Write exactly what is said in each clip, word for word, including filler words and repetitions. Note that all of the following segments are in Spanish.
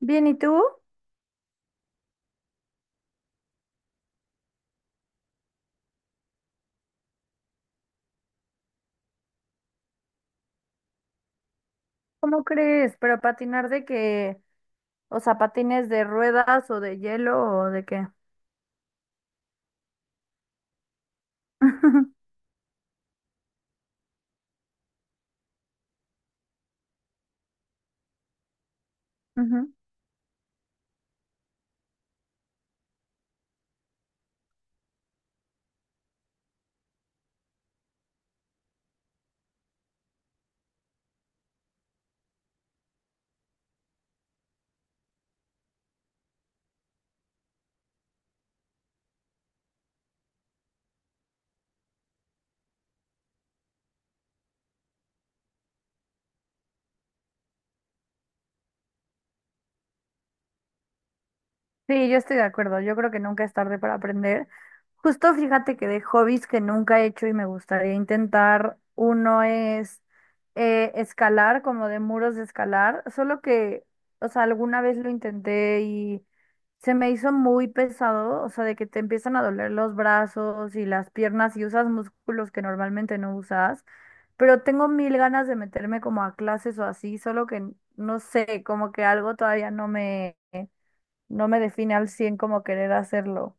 Bien, ¿y tú? ¿Cómo crees? ¿Pero patinar de qué? O sea, ¿patines de ruedas o de hielo o de qué? Ujú. Sí, yo estoy de acuerdo. Yo creo que nunca es tarde para aprender. Justo fíjate que de hobbies que nunca he hecho y me gustaría intentar, uno es eh, escalar, como de muros de escalar, solo que, o sea, alguna vez lo intenté y se me hizo muy pesado, o sea, de que te empiezan a doler los brazos y las piernas y usas músculos que normalmente no usas, pero tengo mil ganas de meterme como a clases o así, solo que no sé, como que algo todavía no no me define al cien como querer hacerlo.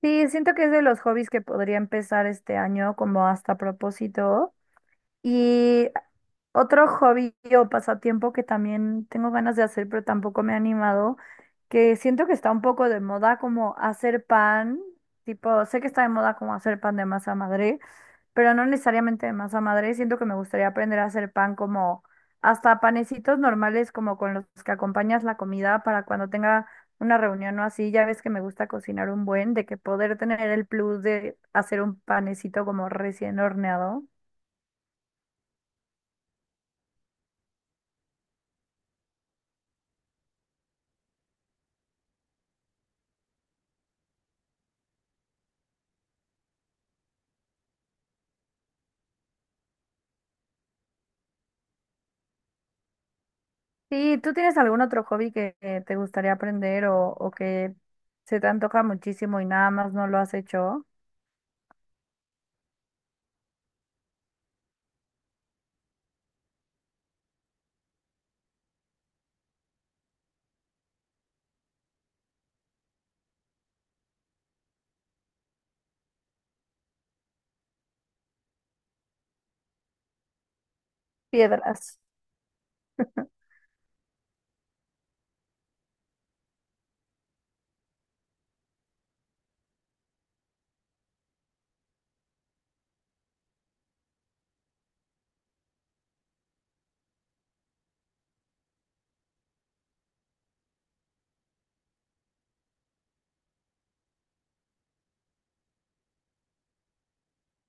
Sí, siento que es de los hobbies que podría empezar este año como hasta propósito. Y otro hobby o pasatiempo que también tengo ganas de hacer, pero tampoco me he animado, que siento que está un poco de moda como hacer pan, tipo, sé que está de moda como hacer pan de masa madre, pero no necesariamente de masa madre. Siento que me gustaría aprender a hacer pan como hasta panecitos normales, como con los que acompañas la comida para cuando tenga una reunión o así. Ya ves que me gusta cocinar un buen, de que poder tener el plus de hacer un panecito como recién horneado. Sí, ¿tú tienes algún otro hobby que, que te gustaría aprender o, o que se te antoja muchísimo y nada más no lo has hecho? Piedras.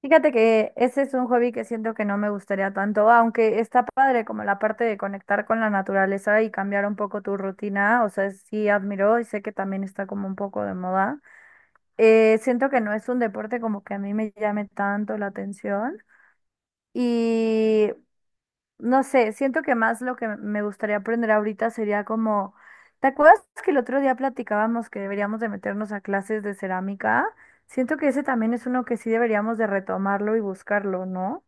Fíjate que ese es un hobby que siento que no me gustaría tanto, aunque está padre como la parte de conectar con la naturaleza y cambiar un poco tu rutina, o sea, sí admiro y sé que también está como un poco de moda. Eh, siento que no es un deporte como que a mí me llame tanto la atención y no sé, siento que más lo que me gustaría aprender ahorita sería como, ¿te acuerdas que el otro día platicábamos que deberíamos de meternos a clases de cerámica? Siento que ese también es uno que sí deberíamos de retomarlo y buscarlo, ¿no?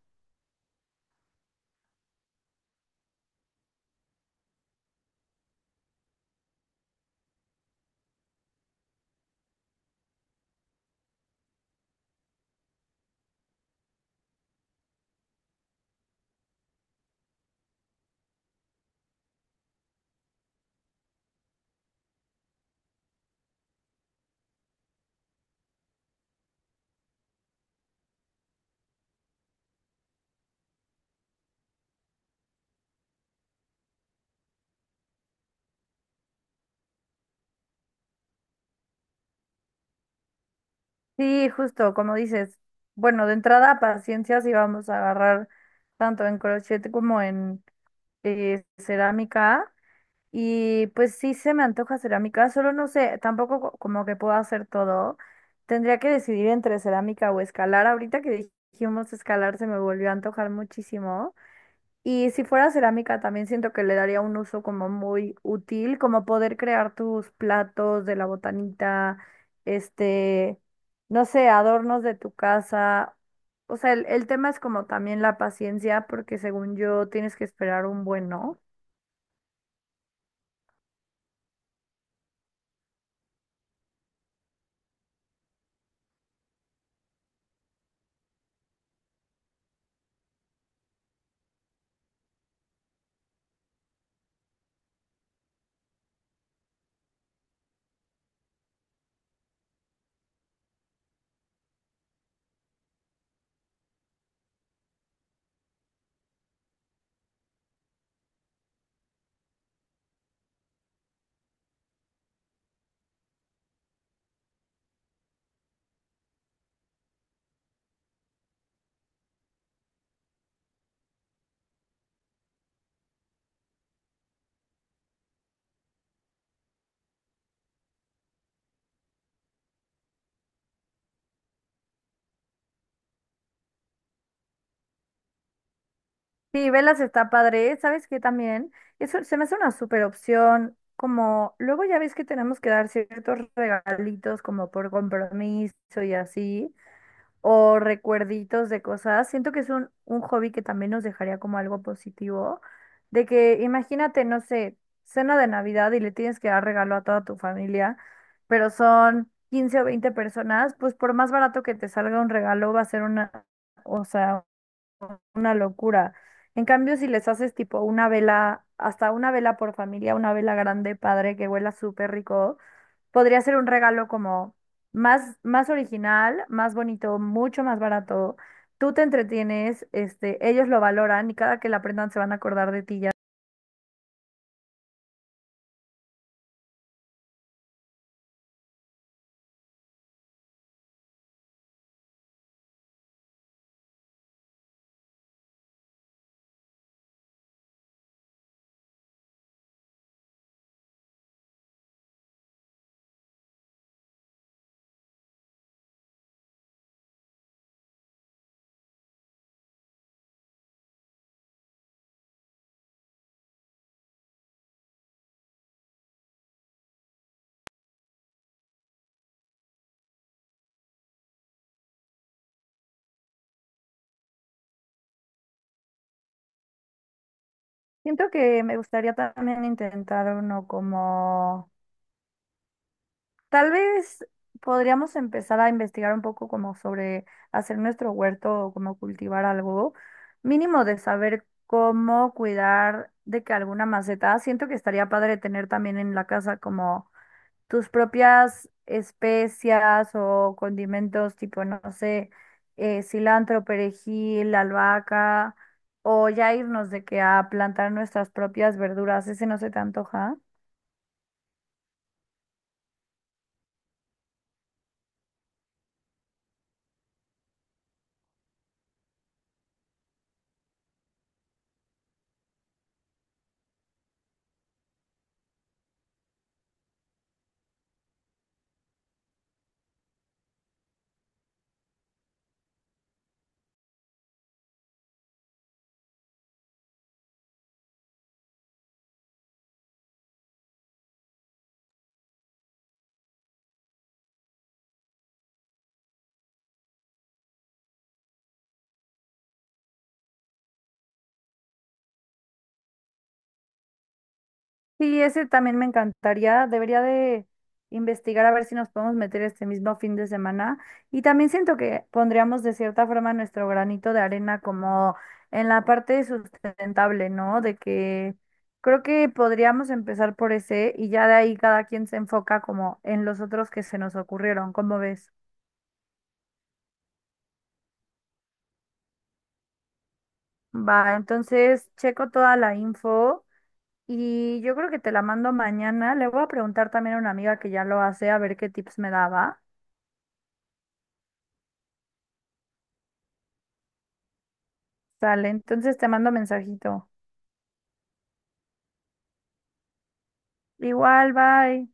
Sí, justo, como dices, bueno, de entrada, paciencia si vamos a agarrar tanto en crochet como en eh, cerámica. Y pues sí se me antoja cerámica, solo no sé, tampoco co- como que puedo hacer todo. Tendría que decidir entre cerámica o escalar. Ahorita que dijimos escalar se me volvió a antojar muchísimo. Y si fuera cerámica, también siento que le daría un uso como muy útil, como poder crear tus platos de la botanita, este, no sé, adornos de tu casa. O sea, el, el tema es como también la paciencia, porque según yo tienes que esperar un buen, ¿no? Sí, velas está padre. ¿Sabes qué también? Eso se me hace una super opción. Como luego ya ves que tenemos que dar ciertos regalitos como por compromiso y así. O recuerditos de cosas. Siento que es un, un hobby que también nos dejaría como algo positivo, de que imagínate, no sé, cena de Navidad y le tienes que dar regalo a toda tu familia, pero son quince o veinte personas, pues por más barato que te salga un regalo va a ser una, o sea, una locura. En cambio, si les haces tipo una vela, hasta una vela por familia, una vela grande, padre, que huela súper rico podría ser un regalo como más, más original, más bonito, mucho más barato. Tú te entretienes, este, ellos lo valoran y cada que la aprendan se van a acordar de ti ya. Siento que me gustaría también intentar uno como, tal vez podríamos empezar a investigar un poco como sobre hacer nuestro huerto o como cultivar algo, mínimo de saber cómo cuidar de que alguna maceta, siento que estaría padre tener también en la casa como tus propias especias o condimentos tipo, no sé, eh, cilantro, perejil, albahaca, o ya irnos de que a plantar nuestras propias verduras, ¿ese no se te antoja? Sí, ese también me encantaría. Debería de investigar a ver si nos podemos meter este mismo fin de semana. Y también siento que pondríamos de cierta forma nuestro granito de arena como en la parte sustentable, ¿no? De que creo que podríamos empezar por ese y ya de ahí cada quien se enfoca como en los otros que se nos ocurrieron, ¿cómo ves? Va, entonces checo toda la info. Y yo creo que te la mando mañana. Le voy a preguntar también a una amiga que ya lo hace a ver qué tips me daba. Sale, entonces te mando mensajito. Igual, bye.